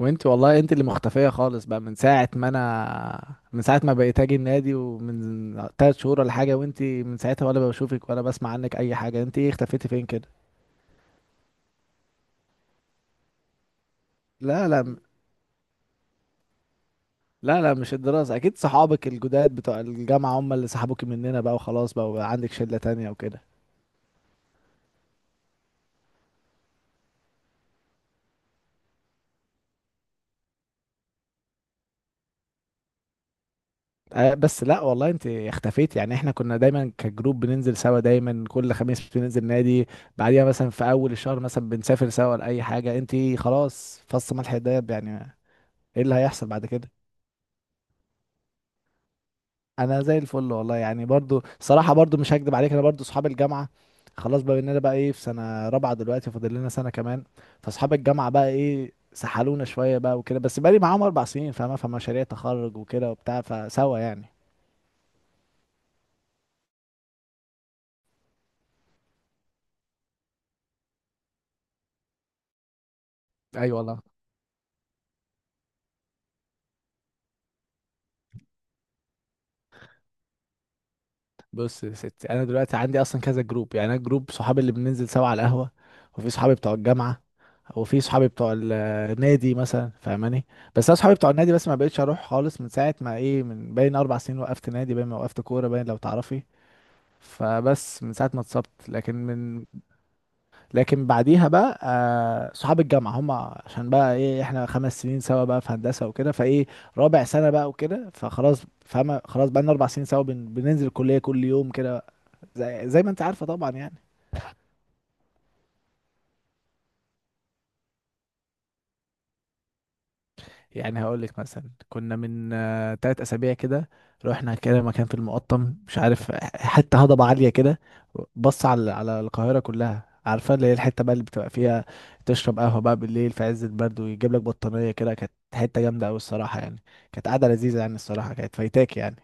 وانت والله انت اللي مختفية خالص بقى من ساعة ما بقيت اجي النادي ومن تلات شهور ولا حاجة، وانت من ساعتها ولا بشوفك ولا بسمع عنك اي حاجة. انت ايه، اختفيتي فين كده؟ لا لا. لا لا، مش الدراسة، اكيد صحابك الجداد بتوع الجامعة هم اللي سحبوك مننا بقى وخلاص، بقى وبقى عندك شلة تانية وكده. اه بس لا والله انت اختفيتي، يعني احنا كنا دايما كجروب بننزل سوا، دايما كل خميس بننزل نادي، بعديها مثلا في اول الشهر مثلا بنسافر سوا لاي حاجة، انت خلاص فص ملح الدايب يعني. ايه اللي هيحصل بعد كده؟ انا زي الفل والله، يعني برضو صراحة، برضو مش هكدب عليك، انا برضو صحاب الجامعة خلاص بقى اننا بقى ايه في سنة رابعة دلوقتي، فاضل لنا سنة كمان. فاصحاب الجامعة بقى ايه سحلونا شوية بقى وكده، بس بقالي معاهم اربع سنين فاهمة، فمشاريع تخرج وكده وبتاع فسوا يعني. ايوه والله. بص يا ستي، انا دلوقتي عندي اصلا كذا جروب، يعني انا جروب صحابي اللي بننزل سوا على القهوه، وفي صحابي بتوع الجامعه، وفي صحابي بتوع النادي مثلا، فاهماني؟ بس انا صحابي بتوع النادي بس ما بقتش اروح خالص من ساعه ما ايه، من باين اربع سنين وقفت نادي، باين ما وقفت كوره، باين لو تعرفي. فبس من ساعه ما اتصبت. لكن بعديها بقى صحاب الجامعه هم عشان بقى ايه احنا خمس سنين سوا بقى في هندسه وكده، فايه رابع سنه بقى وكده، فخلاص فاهمه، خلاص بقى لنا اربع سنين سوا بننزل الكليه كل يوم كده، زي ما انت عارفه طبعا يعني. يعني هقول لك مثلا، كنا من تلات اسابيع كده رحنا كده مكان في المقطم، مش عارف حته هضبه عاليه كده، بص على القاهره كلها، عارفه اللي هي الحته بقى اللي بتبقى فيها تشرب قهوه بقى بالليل في عز البرد ويجيب لك بطانيه كده. كانت حته جامده قوي الصراحه يعني، كانت قاعده لذيذه يعني الصراحه، كانت فايتاك يعني.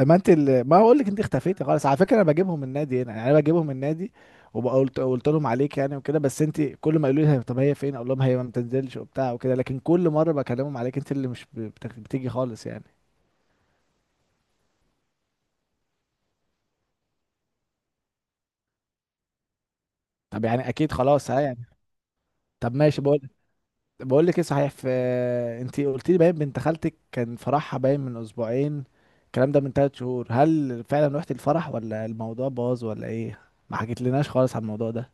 ما اقول لك انت اختفيتي خالص على فكره، انا بجيبهم من النادي هنا، يعني انا بجيبهم من النادي وقلت لهم عليك يعني وكده، بس انت كل ما يقولوا لي طب هي فين اقول لهم هي ما بتنزلش وبتاع وكده، لكن كل مره بكلمهم عليك انت اللي مش بتيجي خالص يعني. طب يعني اكيد خلاص ها يعني. طب ماشي، بقول لك ايه صحيح، انت قلت لي باين بنت خالتك كان فرحها باين من اسبوعين، الكلام ده من ثلاث شهور، هل فعلا رحت الفرح ولا الموضوع باظ ولا ايه؟ ما حكيت لناش خالص عن الموضوع ده.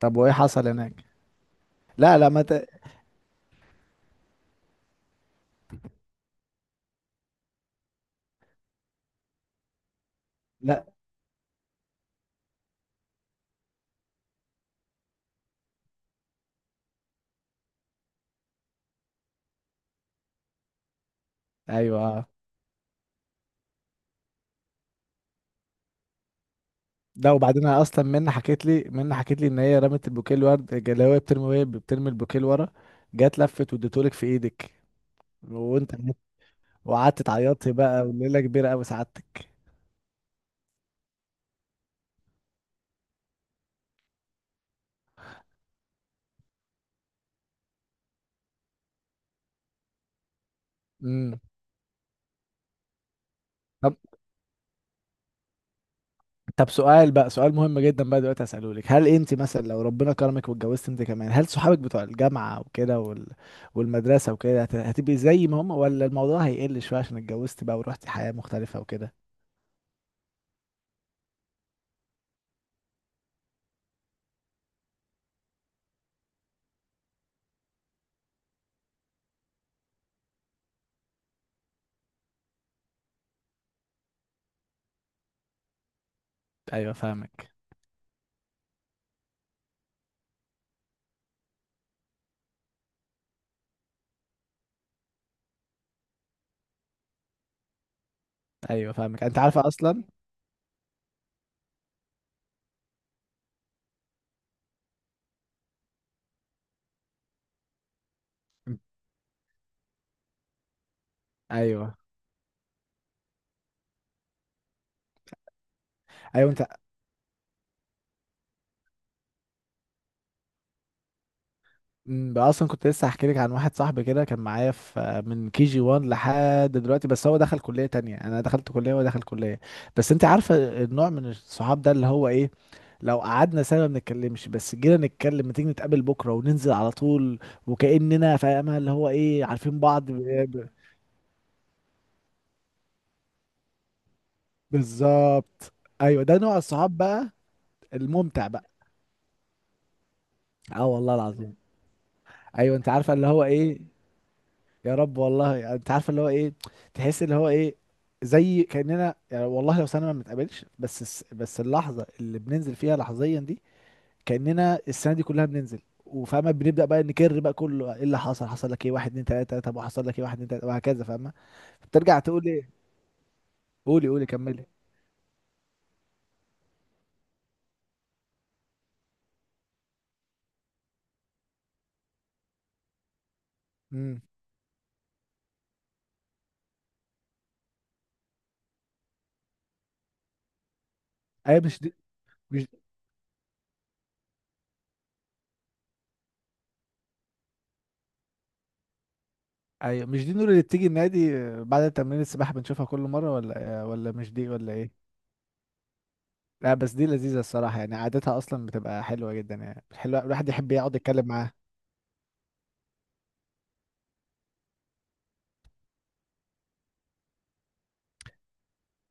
طب وايه حصل هناك؟ لا لا. ما ت... لا. ايوه، ده وبعدين أنا اصلا منى حكيت لي ان هي رمت البوكيه الورد، اللي هو بترمي، وهي بترمي البوكيه لورا جت لفت واديتهولك في ايدك، وانت وقعدت تعيطي بقى، وليله كبيره قوي سعادتك. امم طب طب، سؤال بقى سؤال مهم جدا بقى دلوقتي هسأله لك، هل انت مثلا لو ربنا كرمك واتجوزت انت كمان، هل صحابك بتوع الجامعه وكده والمدرسه وكده هتبقي زي ما هم، ولا الموضوع هيقل شويه عشان اتجوزت بقى ورحتي حياه مختلفه وكده؟ ايوه فاهمك. ايوه فاهمك، انت عارفه اصلا. ايوه ايوه. انت بقى اصلا كنت لسه هحكي لك عن واحد صاحبي كده كان معايا في من كي جي 1 لحد دلوقتي، بس هو دخل كليه تانية، انا دخلت كليه وهو دخل كليه. بس انت عارفه النوع من الصحاب ده اللي هو ايه، لو قعدنا سنه ما بنتكلمش بس جينا نتكلم ما تيجي نتقابل بكره وننزل على طول، وكاننا فاهمه اللي هو ايه عارفين بعض ب- بالظبط. ايوه ده نوع الصحاب بقى الممتع بقى. اه والله العظيم. ايوه انت عارفه اللي هو ايه، يا رب والله، يعني انت عارفه اللي هو ايه، تحس اللي هو ايه، زي كاننا يعني والله لو سنه ما بنتقابلش، بس اللحظه اللي بننزل فيها لحظيا دي كاننا السنه دي كلها بننزل، وفاهمه بنبدا بقى نكر بقى كله ايه اللي حصل، حصل لك ايه واحد اتنين تلاته، طب وحصل لك ايه واحد اتنين تلاته، وهكذا فاهمه. بترجع تقول ايه؟ قولي قولي كملي. امم، ايوه مش ايوه مش دي النور اللي بتيجي النادي بعد تمرين السباحه بنشوفها كل مره، ولا مش دي، ولا ايه؟ لا بس دي لذيذة الصراحة يعني، قعدتها أصلا بتبقى حلوة جدا يعني، حلوة الواحد يحب يقعد يتكلم معاه.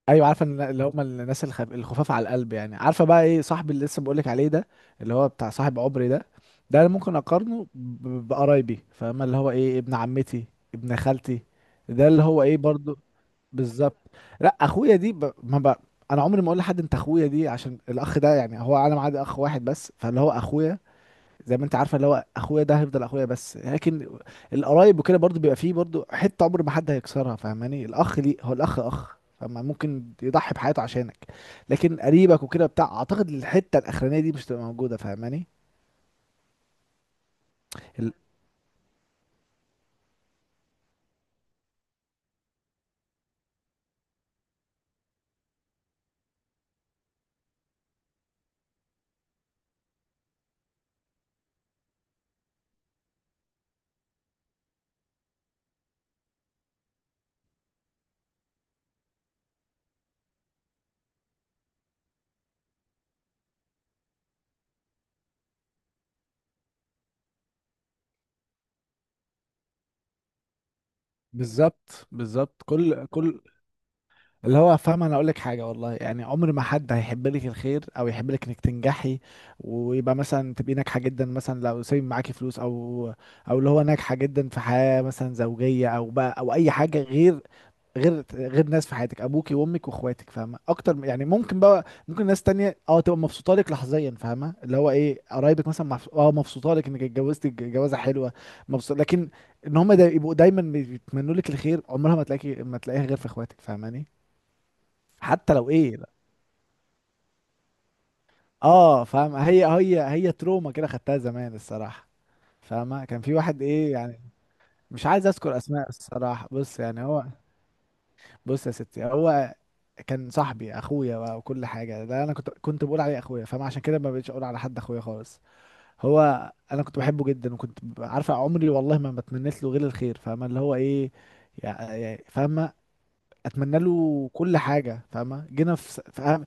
أيوة عارفة اللي هم الناس الخفاف على القلب، يعني عارفة بقى إيه صاحبي اللي لسه بقولك عليه ده، اللي هو بتاع صاحب عمري ده، ده أنا ممكن أقارنه بقرايبي، فاهمة اللي هو إيه، ابن عمتي، ابن خالتي، ده اللي هو إيه برضو. بالظبط. لا أخويا دي ب... ما ب... أنا عمري ما أقول لحد أنت أخويا دي، عشان الأخ ده يعني، هو أنا معادي أخ واحد بس، فاللي هو أخويا زي ما انت عارفه، اللي هو اخويا ده هيفضل اخويا بس. لكن القرايب وكده برضو بيبقى فيه برضو حته عمر ما حد هيكسرها، فاهماني؟ الاخ ليه هو الاخ اخ، فما ممكن يضحي بحياته عشانك، لكن قريبك وكده بتاع، اعتقد الحته الاخرانيه دي مش هتبقى موجوده، فاهماني؟ ال- بالظبط بالظبط، كل اللي هو فاهم. انا اقول لك حاجه والله يعني، عمر ما حد هيحب لك الخير او يحب لك انك تنجحي، ويبقى مثلا تبقي ناجحه جدا، مثلا لو سايب معاكي فلوس، او او اللي هو ناجحه جدا في حياه مثلا زوجيه، او بقى او اي حاجه، غير غير ناس في حياتك ابوكي وامك واخواتك، فاهمه اكتر يعني، ممكن بقى ممكن ناس تانية تبقى مبسوطه لك لحظيا، فاهمه اللي هو ايه قرايبك مثلا مبسوطه لك انك اتجوزتي جوازه حلوه، مبسوط، لكن ان هم دا يبقوا دايما بيتمنوا لك الخير عمرها ما تلاقيها غير في اخواتك، فاهماني؟ حتى لو ايه، لا. اه فاهم، هي تروما كده خدتها زمان الصراحه، فاهمه؟ كان في واحد ايه يعني، مش عايز اذكر اسماء الصراحه، بص يعني هو. بص يا ستي، هو كان صاحبي اخويا بقى وكل حاجه، ده انا كنت بقول عليه اخويا فاهم، عشان كده ما بقتش اقول على حد اخويا خالص. هو انا كنت بحبه جدا، وكنت عارفه عمري والله ما بتمنيت له غير الخير، فاهمه اللي هو ايه، يعني فاهمه، اتمنى له كل حاجه، فاهمه؟ جينا في فاهم.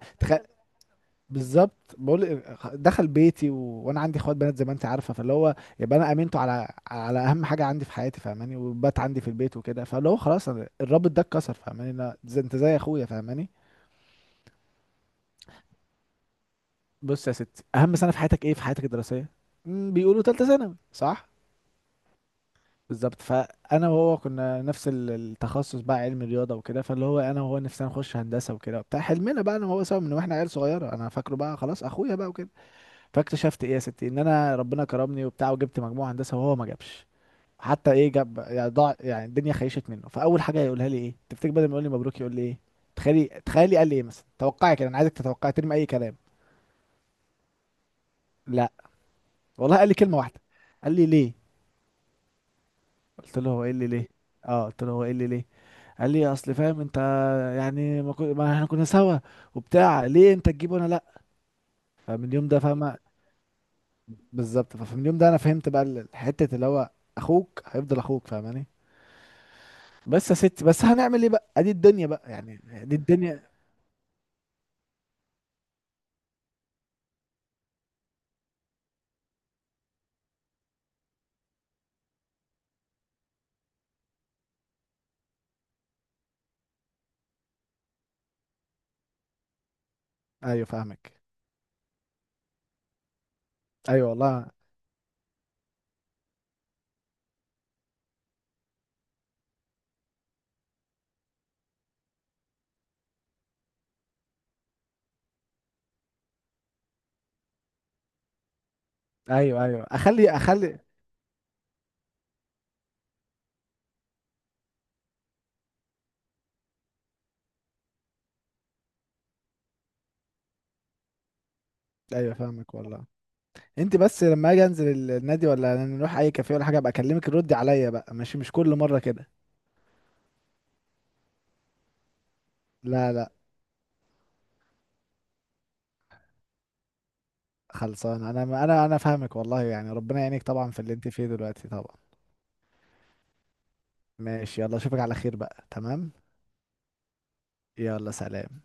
بالظبط، بقول دخل بيتي وانا عندي اخوات بنات زي ما انت عارفه، فاللي هو يبقى انا امنته على اهم حاجه عندي في حياتي، فاهماني؟ وبات عندي في البيت وكده، فاللي هو خلاص أنا الرابط ده اتكسر، فاهماني؟ لا زي انت زي اخويا، فاهماني؟ بص يا ستي، اهم سنه في حياتك ايه في حياتك الدراسيه؟ بيقولوا ثالثه ثانوي، صح؟ بالظبط. فانا وهو كنا نفس التخصص بقى، علم رياضه وكده، فاللي هو انا وهو نفسنا نخش هندسه وكده وبتاع، حلمنا بقى انا وهو سوا من واحنا عيال صغيره، انا فاكره بقى خلاص اخويا بقى وكده. فاكتشفت ايه يا ستي، ان انا ربنا كرمني وبتاع وجبت مجموع هندسه، وهو ما جابش، حتى ايه جاب يعني، ضاع يعني الدنيا خيشت منه. فاول حاجه يقولها لي ايه تفتكر؟ بدل ما يقول لي مبروك يقول لي ايه، تخيلي تخيلي. قال لي ايه مثلا؟ توقعي كده، انا عايزك تتوقعي، ترمي اي كلام. لا والله، قال لي كلمه واحده، قال لي ليه. قلت له هو ايه اللي ليه. اه، قلت له هو ايه اللي ليه. قال لي اصل فاهم انت، يعني ما احنا كنا سوا وبتاع، ليه انت تجيب وانا لا. فمن اليوم ده فاهمه، بالظبط فمن اليوم ده انا فهمت بقى الحته اللي هو اخوك هيفضل اخوك، فاهماني؟ بس يا ستي، بس هنعمل ايه بقى، ادي الدنيا بقى يعني، دي الدنيا. ايوه فاهمك. ايوه والله. ايوه ايوه، اخلي اخلي. ايوه فاهمك والله. انت بس لما اجي انزل النادي ولا نروح اي كافيه ولا حاجه ابقى اكلمك، ردي عليا بقى، ماشي، مش كل مره كده. لا لا. خلصان، انا فاهمك والله يعني، ربنا يعينك طبعا في اللي انت فيه دلوقتي طبعا. ماشي. يلا اشوفك على خير بقى، تمام. يلا سلام.